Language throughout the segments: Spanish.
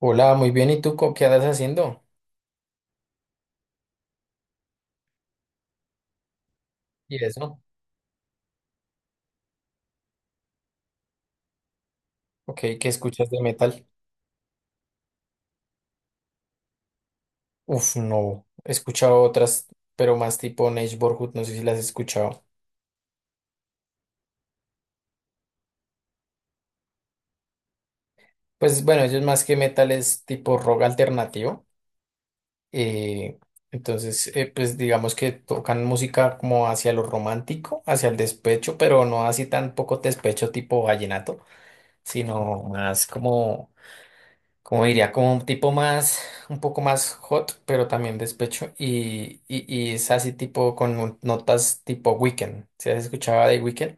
Hola, muy bien. ¿Y tú qué andas haciendo? ¿Y eso? Ok, ¿qué escuchas de metal? Uf, no. He escuchado otras, pero más tipo Neige Borgut, no sé si las he escuchado. Pues bueno, ellos más que metal es tipo rock alternativo. eh, entonces, pues digamos que tocan música como hacia lo romántico, hacia el despecho, pero no así tan poco despecho tipo vallenato, sino más como como diría, como un tipo más, un poco más hot, pero también despecho, y es así tipo con notas tipo Weekend, ¿se has escuchado de Weekend?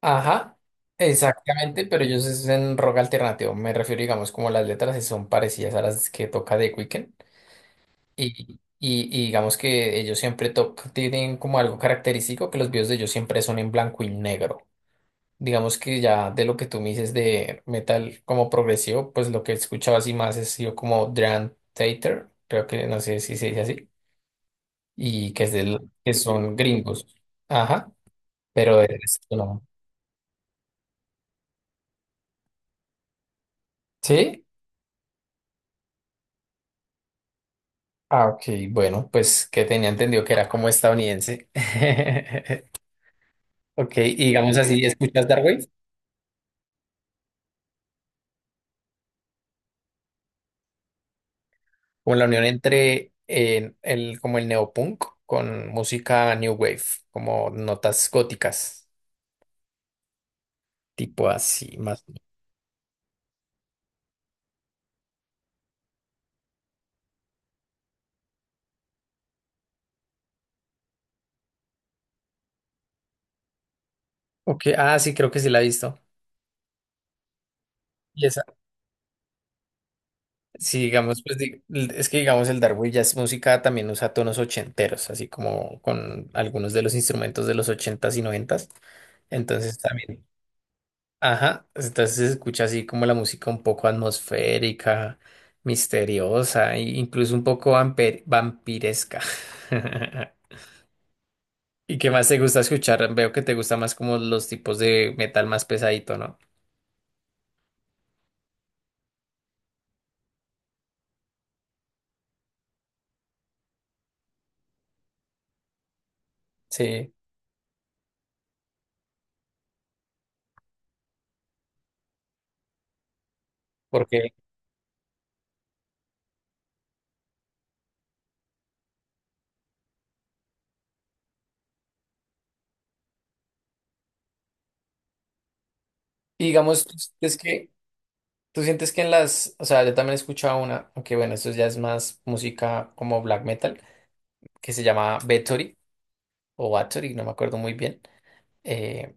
Ajá, exactamente, pero ellos es en rock alternativo, me refiero, digamos, como las letras sí son parecidas a las que toca de Weekend, y digamos que ellos siempre tienen como algo característico, que los videos de ellos siempre son en blanco y negro. Digamos que ya de lo que tú me dices de metal como progresivo, pues lo que escuchaba así más es yo como Dream Theater, creo que no sé si se dice así, y que es del, que son gringos. Ajá, pero de resto no. ¿Sí? Ah, ok, bueno, pues que tenía entendido que era como estadounidense. Ok, y digamos así, ¿escuchas Darkwave? Como la unión entre el, como el neopunk con música new wave, como notas góticas, tipo así, más. Ok, ah, sí, creo que sí la he visto. Y esa, sí, digamos, es que digamos el Dark Jazz música también usa tonos ochenteros, así como con algunos de los instrumentos de los ochentas y noventas. Entonces también, ajá, entonces se escucha así como la música un poco atmosférica, misteriosa, e incluso un poco vampiresca. ¿Y qué más te gusta escuchar? Veo que te gusta más como los tipos de metal más pesadito, ¿no? Sí, porque y digamos, tú sientes que en las, o sea, yo también he escuchado una, aunque bueno, esto ya es más música como black metal, que se llama Bathory o Bathory, no me acuerdo muy bien. eh,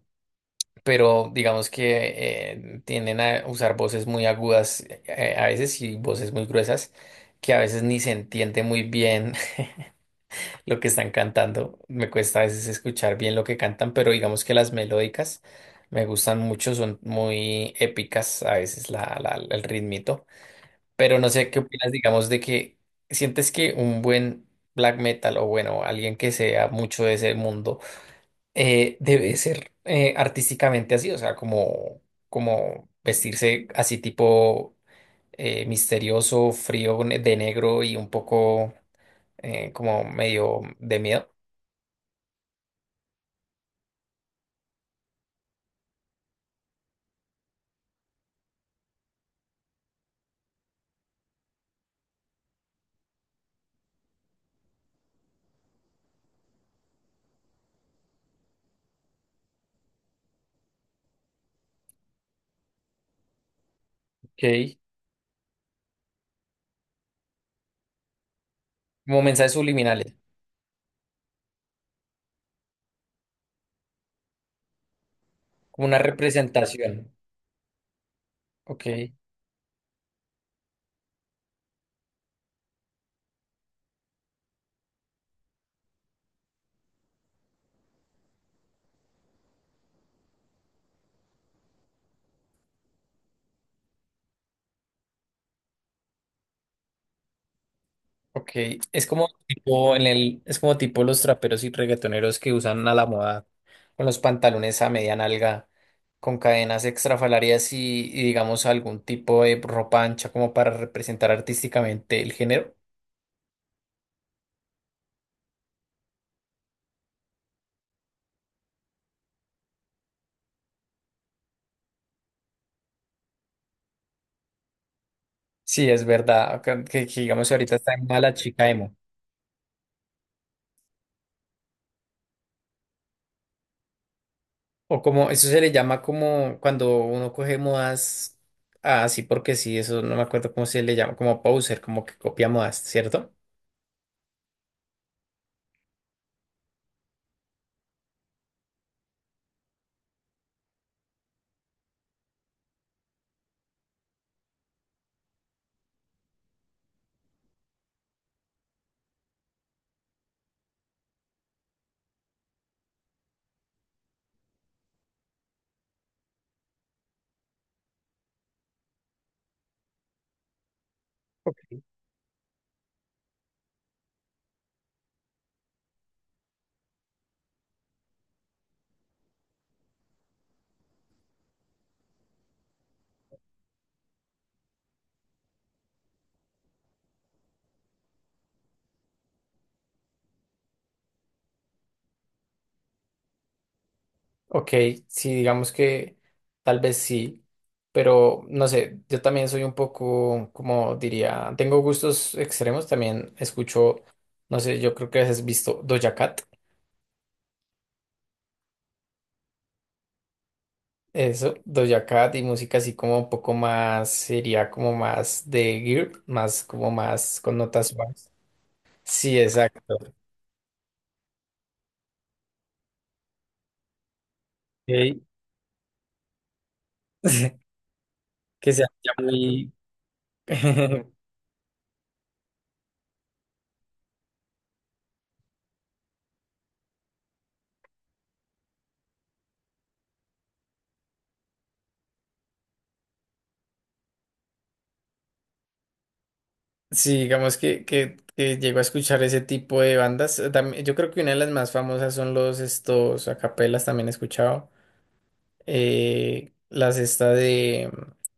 pero digamos que tienden a usar voces muy agudas a veces y voces muy gruesas que a veces ni se entiende muy bien lo que están cantando. Me cuesta a veces escuchar bien lo que cantan, pero digamos que las melódicas me gustan mucho, son muy épicas a veces el ritmito. Pero no sé qué opinas, digamos, de que sientes que un buen black metal o bueno, alguien que sea mucho de ese mundo debe ser artísticamente así, o sea, como, como vestirse así tipo misterioso, frío, de negro y un poco como medio de miedo. Ok. Como mensajes subliminales, como una representación. Ok, ok. Es como tipo en el, es como tipo los traperos y reggaetoneros que usan a la moda con los pantalones a media nalga, con cadenas extrafalarias y digamos algún tipo de ropa ancha como para representar artísticamente el género. Sí, es verdad. Que digamos ahorita está en mala chica emo. O como, eso se le llama como cuando uno coge modas ah, así porque sí, eso no me acuerdo cómo se le llama, como poser, como que copia modas, ¿cierto? Ok, sí, digamos que tal vez sí, pero no sé, yo también soy un poco, como diría, tengo gustos extremos, también escucho, no sé, yo creo que has visto Doja Cat, eso, Doja Cat y música así como un poco más, sería como más de girl, más como más con notas suaves. Sí, exacto. Ok, que sea ya muy... Sí, digamos que llego a escuchar ese tipo de bandas. Yo creo que una de las más famosas son los estos acapelas, también he escuchado. Las esta de...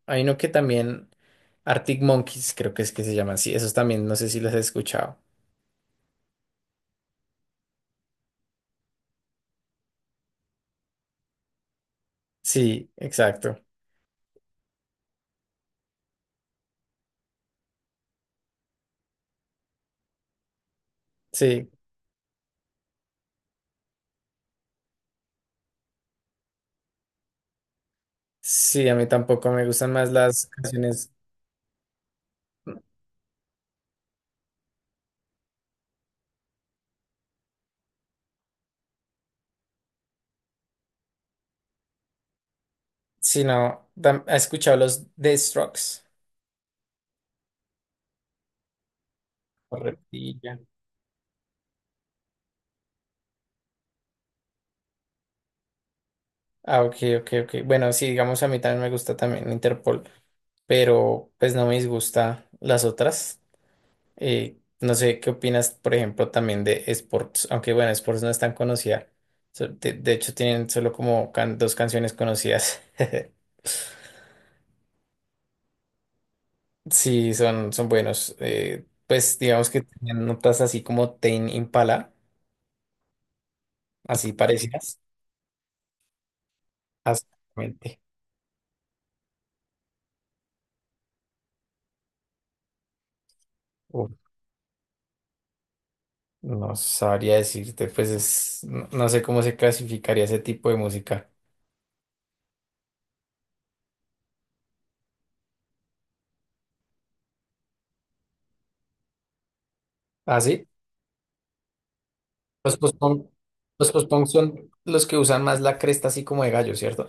Hay uno que también... Arctic Monkeys, creo que es que se llaman. Sí, esos también, no sé si los he escuchado. Sí, exacto. Sí, sí, a mí tampoco me gustan más las canciones, sino, ¿has escuchado los Death Strokes? Correcto. Ah, ok, ok, ok. Bueno, sí, digamos, a mí también me gusta también Interpol, pero pues no me disgusta las otras. No sé qué opinas, por ejemplo, también de Sports, aunque bueno, Sports no es tan conocida. De hecho, tienen solo como dos canciones conocidas. Sí, son, son buenos. Pues digamos que tienen notas así como Tame Impala, así parecidas. Exactamente. No sabría decirte, pues es, no, no sé cómo se clasificaría ese tipo de música. ¿Ah, sí? Los post-punk, los post-punk son los que usan más la cresta así como de gallo, ¿cierto?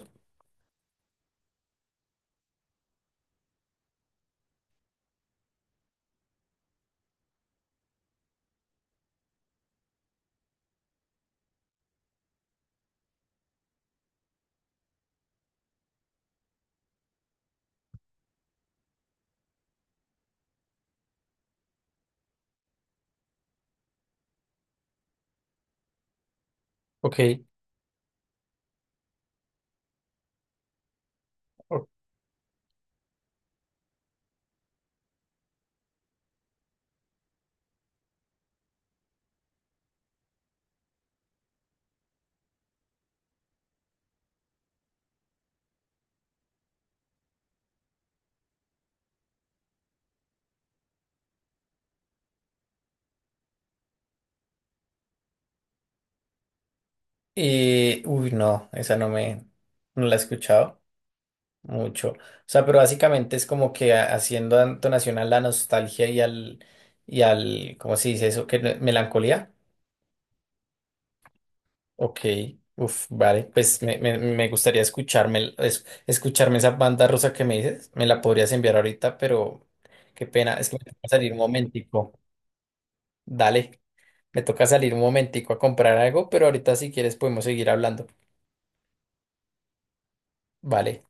Ok. O- y, uy, no, esa no me, no la he escuchado mucho. O sea, pero básicamente es como que haciendo entonación a la nostalgia y al, ¿cómo se dice eso? ¿Qué? ¿Melancolía? Ok, uf, vale, pues me gustaría escucharme, escucharme esa banda rosa que me dices, me la podrías enviar ahorita, pero qué pena, es que me toca salir un momentico, dale, me toca salir un momentico a comprar algo, pero ahorita si quieres podemos seguir hablando, vale.